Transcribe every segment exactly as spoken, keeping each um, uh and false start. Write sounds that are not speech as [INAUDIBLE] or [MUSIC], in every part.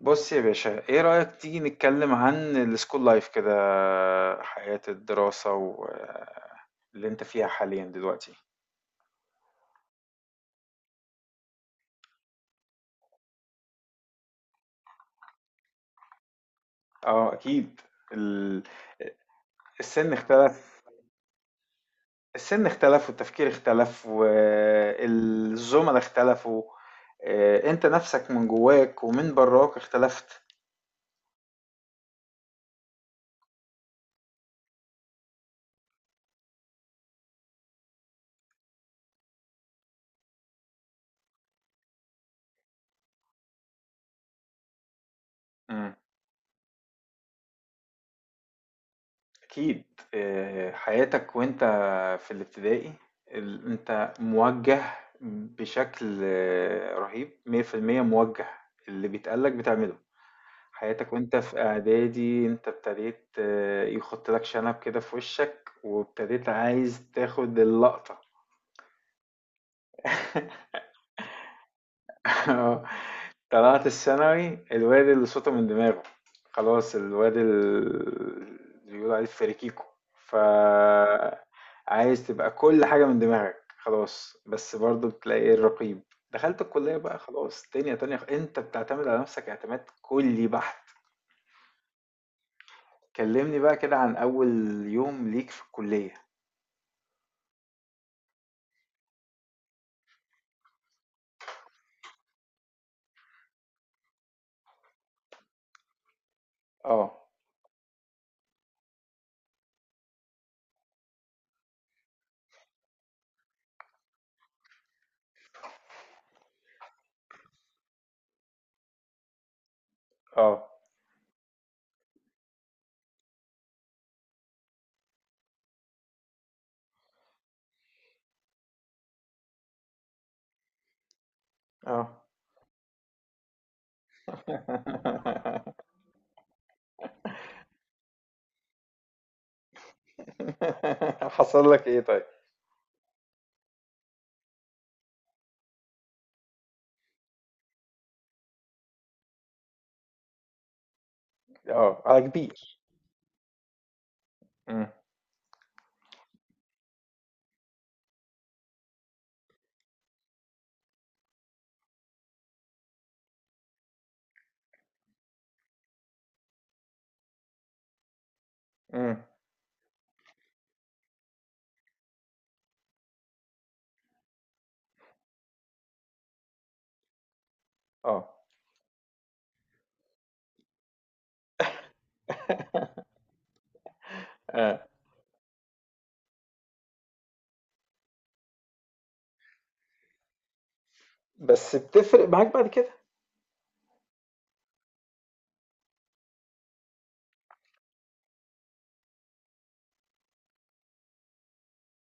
بص يا باشا، ايه رأيك تيجي نتكلم عن السكول لايف كده؟ حياة الدراسة واللي انت فيها حاليا دلوقتي. اه، اكيد. ال- السن اختلف السن اختلف والتفكير اختلف والزملاء اختلفوا. آه، انت نفسك من جواك ومن براك اختلفت. أكيد. آه، حياتك وأنت في الابتدائي، ال- أنت موجه بشكل آه، رهيب مية في المية، موجه، اللي بيتقالك بتعمله. حياتك وأنت في إعدادي، أنت ابتديت آه، يخط لك شنب كده في وشك، وابتديت عايز تاخد اللقطة. [LAUGHS] طلعت الثانوي، الواد اللي صوته من دماغه، خلاص، الواد ال- اللي بيقولوا عليه فريكيكو، ف عايز تبقى كل حاجة من دماغك خلاص، بس برضو بتلاقي ايه؟ الرقيب. دخلت الكلية بقى، خلاص دنيا تانية، انت بتعتمد على نفسك اعتماد كلي بحت. كلمني بقى كده عن أول يوم ليك في الكلية. اه، اه، اه. [LAUGHS] حصل لك ايه طيب؟ اه، على كبير. امم. امم. اه. [LAUGHS] آه. بس بتفرق معاك بعد كده.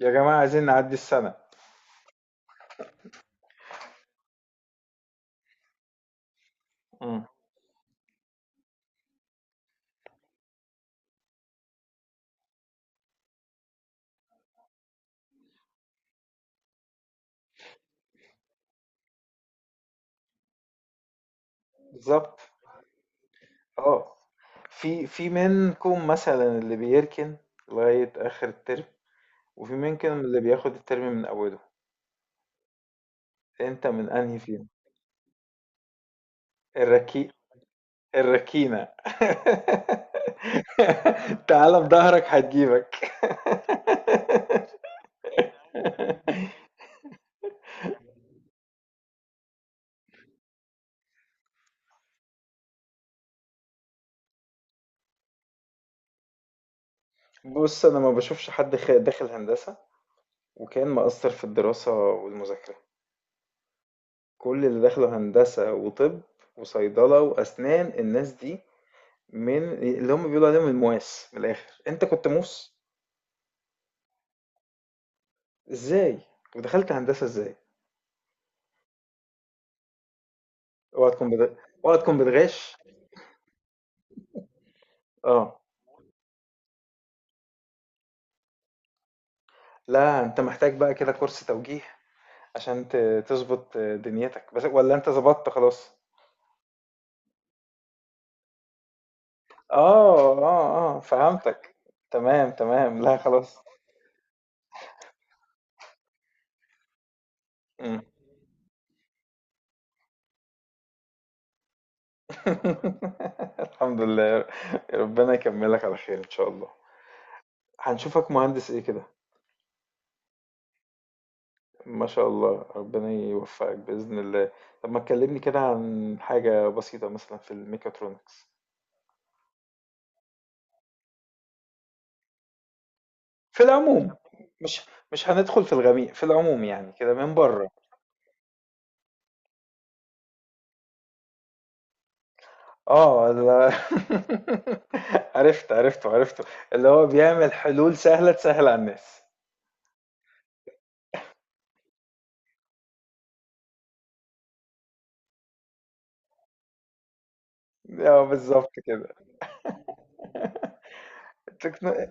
يا جماعة عايزين نعدي السنة. مم. بالظبط، اه. في في منكم مثلا اللي بيركن لغاية آخر الترم، وفي منكم اللي بياخد الترم من أوله. أنت من أنهي فيهم؟ الركي، الركينة. [LAUGHS] تعالى بظهرك هتجيبك. [LAUGHS] بص، أنا ما بشوفش حد خ- داخل هندسة وكان مقصر في الدراسة والمذاكرة. كل اللي دخلوا هندسة وطب وصيدلة وأسنان، الناس دي من اللي هم بيقولوا عليهم المواس. من الآخر أنت كنت موس، إزاي؟ ودخلت هندسة إزاي؟ اوعى تكون بت... اوعى تكون بتغش. اه، لا، أنت محتاج بقى كده كورس توجيه عشان ت- تظبط دنيتك، بس ولا أنت ظبطت خلاص؟ اه، اه، اه، فهمتك. تمام، تمام. لا خلاص. مم. [LAUGHS] الحمد لله. ربنا يكملك على خير إن شاء الله. هنشوفك مهندس ايه كده؟ ما شاء الله، ربنا يوفقك بإذن الله. طب ما تكلمني كده عن حاجة بسيطة مثلا في الميكاترونكس، في العموم، مش مش هندخل في الغميق، في العموم يعني كده من بره. اه، لا. [LAUGHS] عرفت، عرفته، عرفته، اللي هو بيعمل حلول سهلة تسهل على الناس. اه، بالظبط كده. [LAUGHS] تكنو...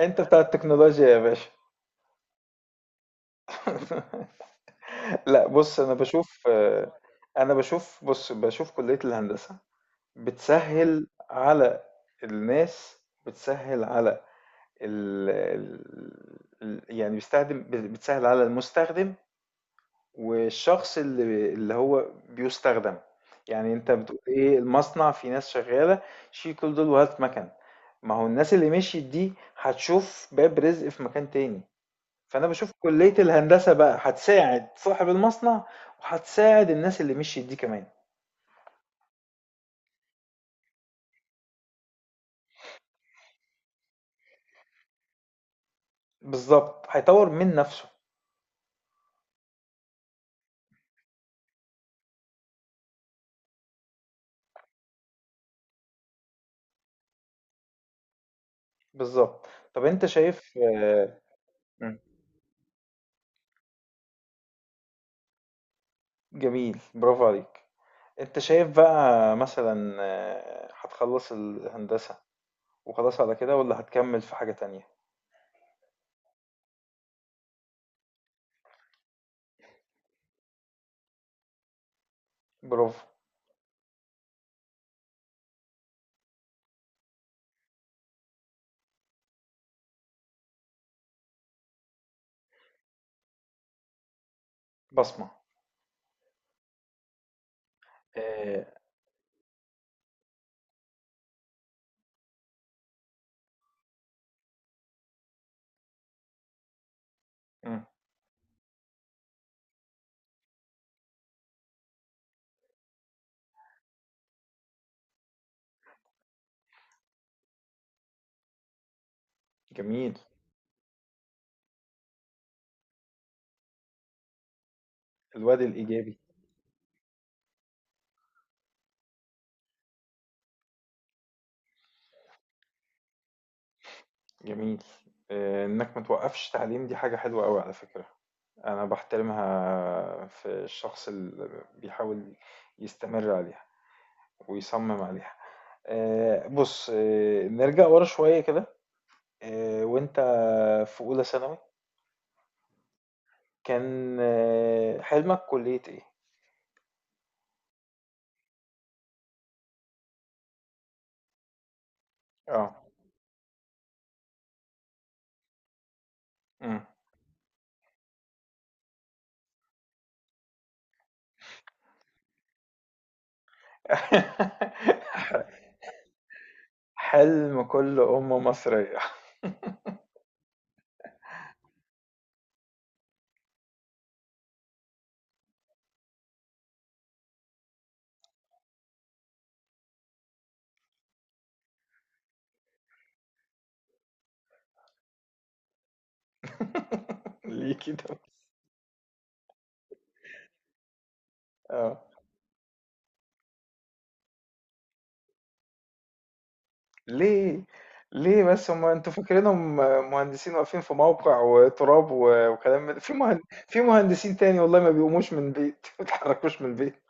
انت بتاع التكنولوجيا يا باشا. [LAUGHS] لا، بص، انا بشوف آه، انا بشوف بص بشوف كلية الهندسة بتسهّل على الناس، بتسهّل على ال ال يعني بيستخدم، ب بتسهّل على المستخدم والشخص اللي اللي هو بيُستخدم، يعني أنت بتقول إيه؟ المصنع فيه ناس شغّالة، شيل كل دول وهات مَكَن، ما هو الناس اللي مشيت دي هتشوف باب رزق في مكان تاني، فأنا باشوف كلية الهندسة بقى هتساعد صاحب المصنع وهتساعد الناس اللي مشيت دي كمان، بالضبط، هيطوّر من نَفْسه. بالظبط. طب انت شايف آه، مم. جميل، برافو عليك. انت شايف بقى مثلا آه، هتخلص الهندسة وخلاص على كده، ولا هتكمل في حاجة تانية؟ برافو. بصمة. آه. مم. جميل. الواد الإيجابي. جميل. آه، انك متوقفش تعليم، دي حاجة حلوة قوي على فكرة. انا بحترمها في الشخص اللي بيحاول يستمر عليها ويصمم عليها. آه، بص، آه، نرجع ورا شوية كده. آه، وانت في اولى ثانوي كان آه، حلمك كلية ايه؟ اه. مم. [LAUGHS] حلم كل ام مصرية. [LAUGHS] ليه كده؟ اه. ليه، ليه بس هم؟ انتوا فاكرينهم مهندسين واقفين في موقع وتراب و- وكلام من... في مهند... في مهندسين تاني والله ما بيقوموش من البيت. [LAUGHS] ما بيتحركوش من البيت.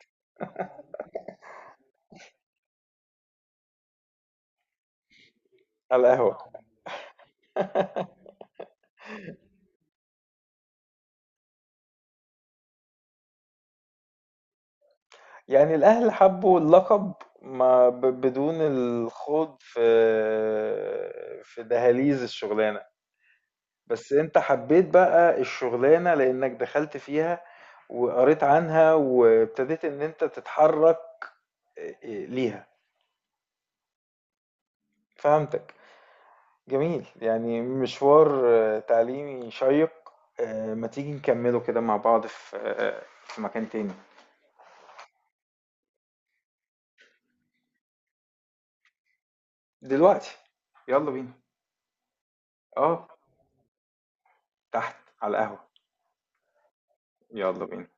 على القهوة. يعني الأهل حبوا اللقب، ما ب- بدون الخوض في في دهاليز الشغلانة. بس انت حبيت بقى الشغلانة لأنك دخلت فيها وقريت عنها وابتديت ان انت تتحرك ليها. فهمتك. جميل، يعني مشوار تعليمي شيق. ما تيجي نكمله كده مع بعض في في مكان تاني؟ دلوقتي. يلا بينا. اه، تحت، على القهوة. يلا بينا.